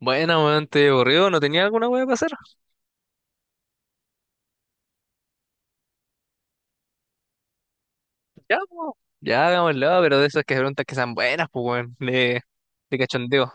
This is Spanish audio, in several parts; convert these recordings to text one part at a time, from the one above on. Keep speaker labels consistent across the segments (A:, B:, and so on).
A: Bueno, weón, te aburrido, ¿no tenía alguna weá para hacer? Ya, po. Ya, hagámoslo, pero de esas que preguntas que sean buenas, pues, weón, de cachondeo.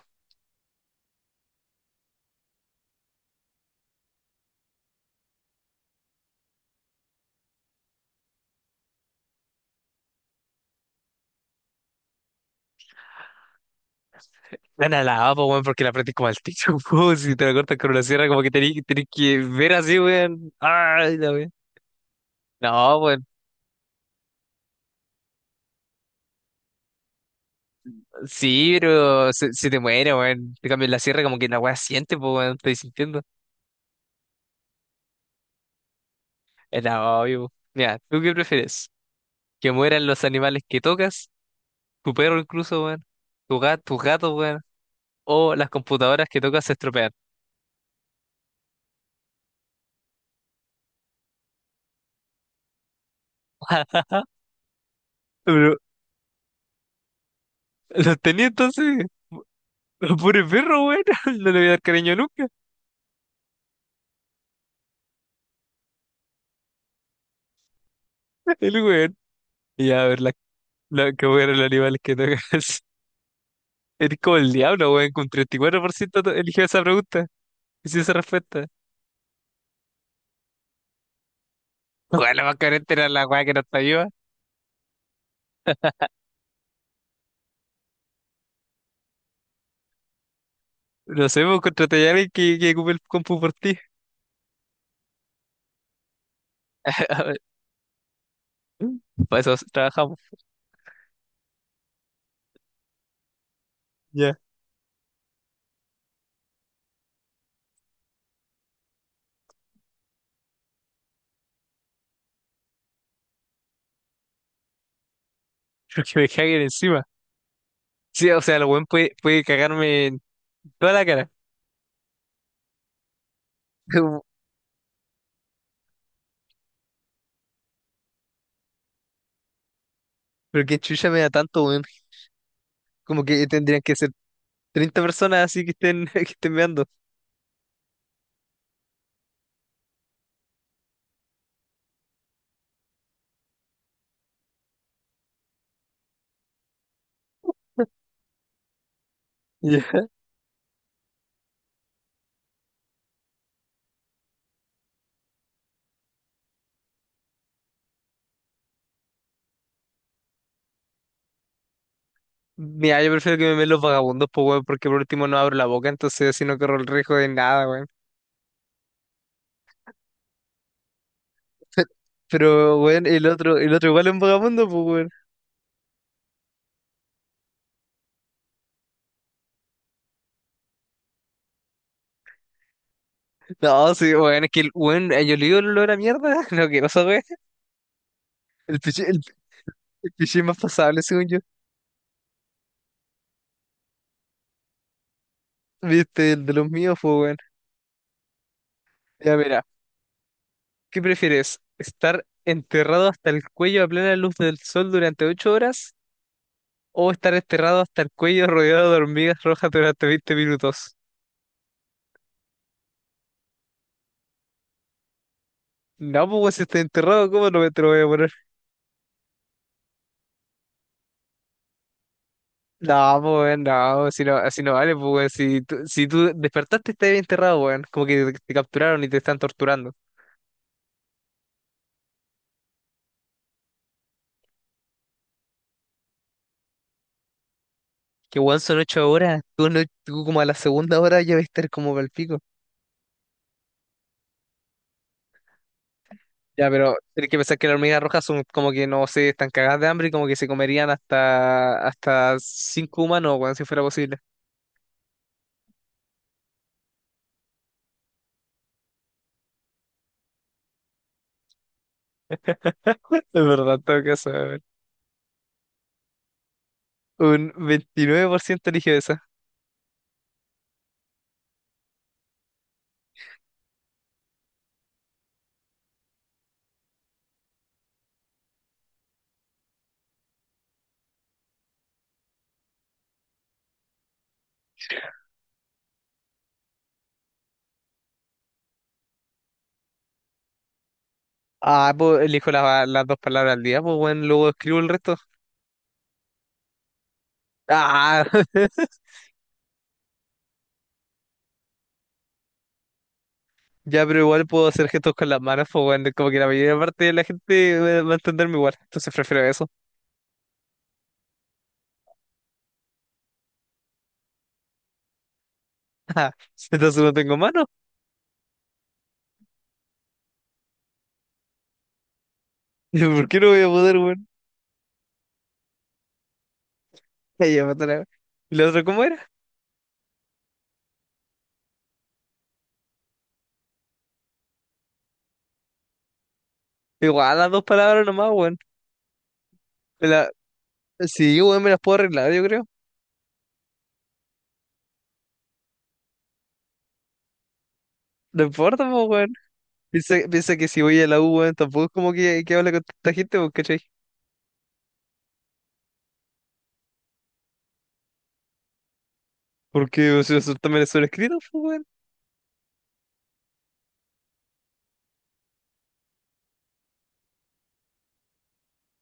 A: Gana la A, pues, weón, porque la aprendí como al techo, po, si te la cortas con una sierra, como que tenés que ver así, weón. Ay, la weá. No, weón, sí, pero se te muere, weón. Te cambias la sierra, como que la weá siente, pues, weón, estoy sintiendo. Es la obvio. Mira, ¿tú qué prefieres? ¿Que mueran los animales que tocas? ¿Tu perro incluso, weón? ¿Tu gato, tus gatos, weón? ¿O las computadoras que tocas se estropean? Ah, pero los tenía entonces, pobre perro, weón. No le voy a dar cariño nunca, el weón. Y a ver, que voy a ver los animales que tocas. Eres como el diablo, weón, con 34% eligió esa pregunta. Y si esa respuesta. Weón, la más carente era la weá que no está viva. No sé, pues contraté a alguien que ocupe el compu por ti. A ver, para eso trabajamos. Ya. Pero que me caguen encima. Sí, o sea, el weón puede cagarme en toda la cara. Como, pero que chucha me da tanto, weón. Como que tendrían que ser 30 personas así que estén, que estén meando. Ya. Mira, yo prefiero que me meen los vagabundos, pues, weón, porque por último no abro la boca, entonces así no corro el riesgo de nada, weón. Pero, weón, el otro igual es un vagabundo, pues, weón. No, sí, weón, es que el weón, yo le digo el olor a mierda, no, que pasa, weón. El pichi, el pichi más pasable, según yo. Viste, el de los míos, pues, weón. Ya, mira, ¿qué prefieres? ¿Estar enterrado hasta el cuello a plena luz del sol durante 8 horas? ¿O estar enterrado hasta el cuello rodeado de hormigas rojas durante 20 minutos? No, pues, weón, si estoy enterrado, ¿cómo no me te lo voy a poner? No, pues, weón, no, si no, así no vale, pues, weón. Si tú despertaste, estás bien enterrado, weón. Como que te capturaron y te están torturando. Que, weón, son 8 horas. Tú, no- tú como a la segunda hora ya vas a estar como para el pico. Ya, pero tienes que pensar que las hormigas rojas son como que, no sé, están cagadas de hambre y como que se comerían hasta cinco humanos, weón, si fuera posible. Es verdad, en todo caso, un 29% eligió esa. Ah, pues elijo las dos palabras al día, pues bueno, luego escribo el resto. Ah, ya, pero igual puedo hacer gestos con las manos, pues bueno, como que la mayor parte de la gente va a entenderme igual, entonces prefiero eso. Ah, entonces no tengo manos, ¿por qué no voy a poder, weón? Ahí ya, puta la- ¿Y la otra cómo era? Igual las dos palabras nomás, weón. Me la- Sí, weón, me las puedo arreglar, yo creo. No importa, pues, weón. Piensa, piensa que si voy a la U, weón, tampoco es como que, hable con tanta gente, pues, ¿cachai? Porque o sea, eso también es sobrescrito, pues, weón.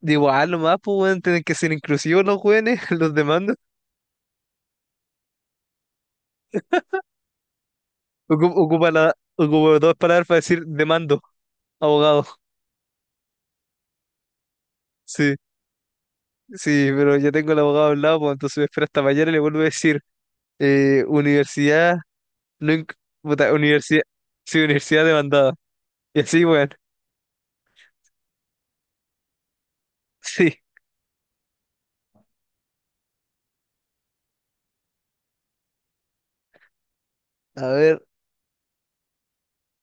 A: Digo, ah, nomás, pues, weón, tienen que ser inclusivos los jóvenes, los demandos. Ocupa dos palabras para decir demando, abogado. Sí, sí, pero ya tengo el abogado al lado, pues, entonces me espero hasta mañana y le vuelvo a decir, universidad, no, puta, universidad, sí, universidad demandada. Y así, weón, sí. A ver,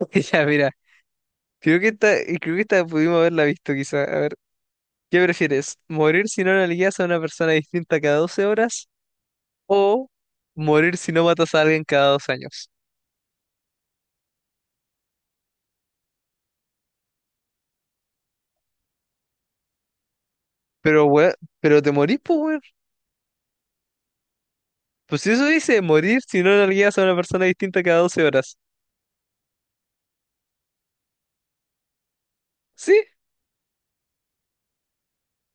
A: ya, mira, creo que esta, creo que esta pudimos haberla visto, quizá. A ver, ¿qué prefieres? ¿Morir si no analizas a una persona distinta cada 12 horas? ¿O morir si no matas a alguien cada 2 años? Pero, weón, pero te morís, pues, weón. Pues si eso dice, morir si no nalgueas a una persona distinta cada 12 horas. ¿Sí?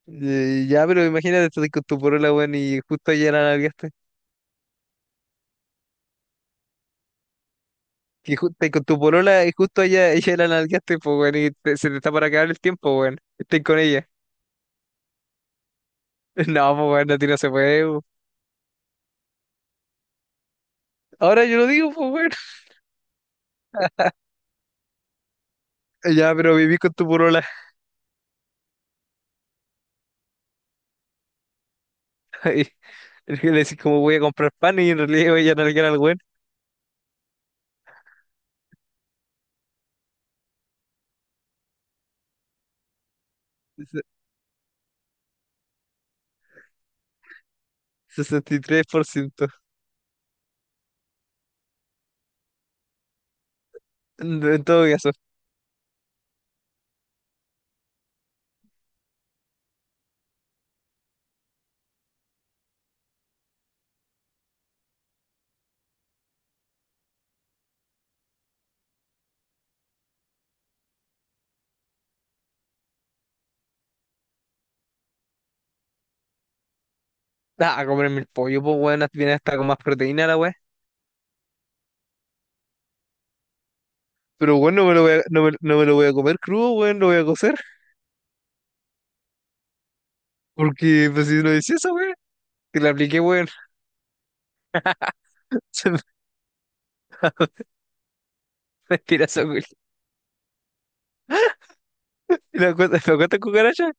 A: Ya, pero imagínate, estás con tu porola, weón, y justo ayer la nalgueaste. Que estás con tu porola y justo ella la nalgueaste, pues, weón, y se te está para acabar el tiempo, weón. Estás con ella. No, pues, weón, a ti no se puede, weón. Ahora yo lo digo, pues, weón. Ya, pero viví con tu porola. Y le decís como voy a comprar pan y en realidad voy a nalguear al weón. 63%. En todo caso. Ah, a comerme el pollo, pues, weón. Viene hasta con más proteína la weá. Pero, weón, no me lo voy a, no me, no me lo voy a comer crudo, weón. Lo voy a cocer. Porque, pues, si no hice eso, weón. Que la apliqué, weón. Se me tira esa weón. ¿Y la cuenta cucaracha?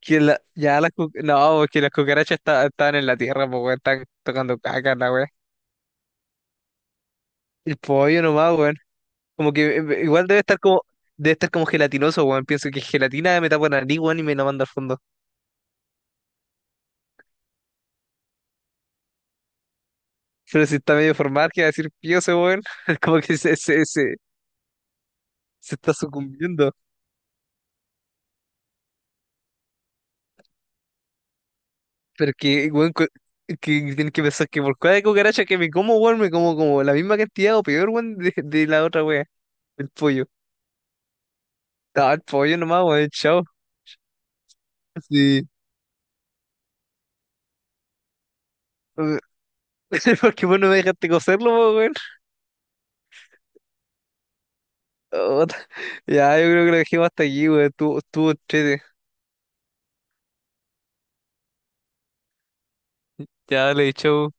A: Que la, ya las cu- No, porque las cucarachas estaban en la tierra, pues, weón. Están tocando caca, la weá. El pollo nomás, weón. Como que igual debe estar como. Debe estar como gelatinoso, weón. Pienso que es gelatina me tapa la nariz, weón, y me la manda al fondo. Pero si está medio formal, que va a decir pío ese weón, como que se está sucumbiendo. Pero que, weón, que tienen que pensar que por cada cucaracha que me como, weón, me como como la misma cantidad o peor, weón, de la otra wea, el pollo. Ah, el pollo nomás, weón, chao. Sí. Porque vos no me dejaste cocerlo, po, weón. Oh, ya, yo creo que lo dejemos hasta aquí, weón. Tú entrete. Ya, le chao.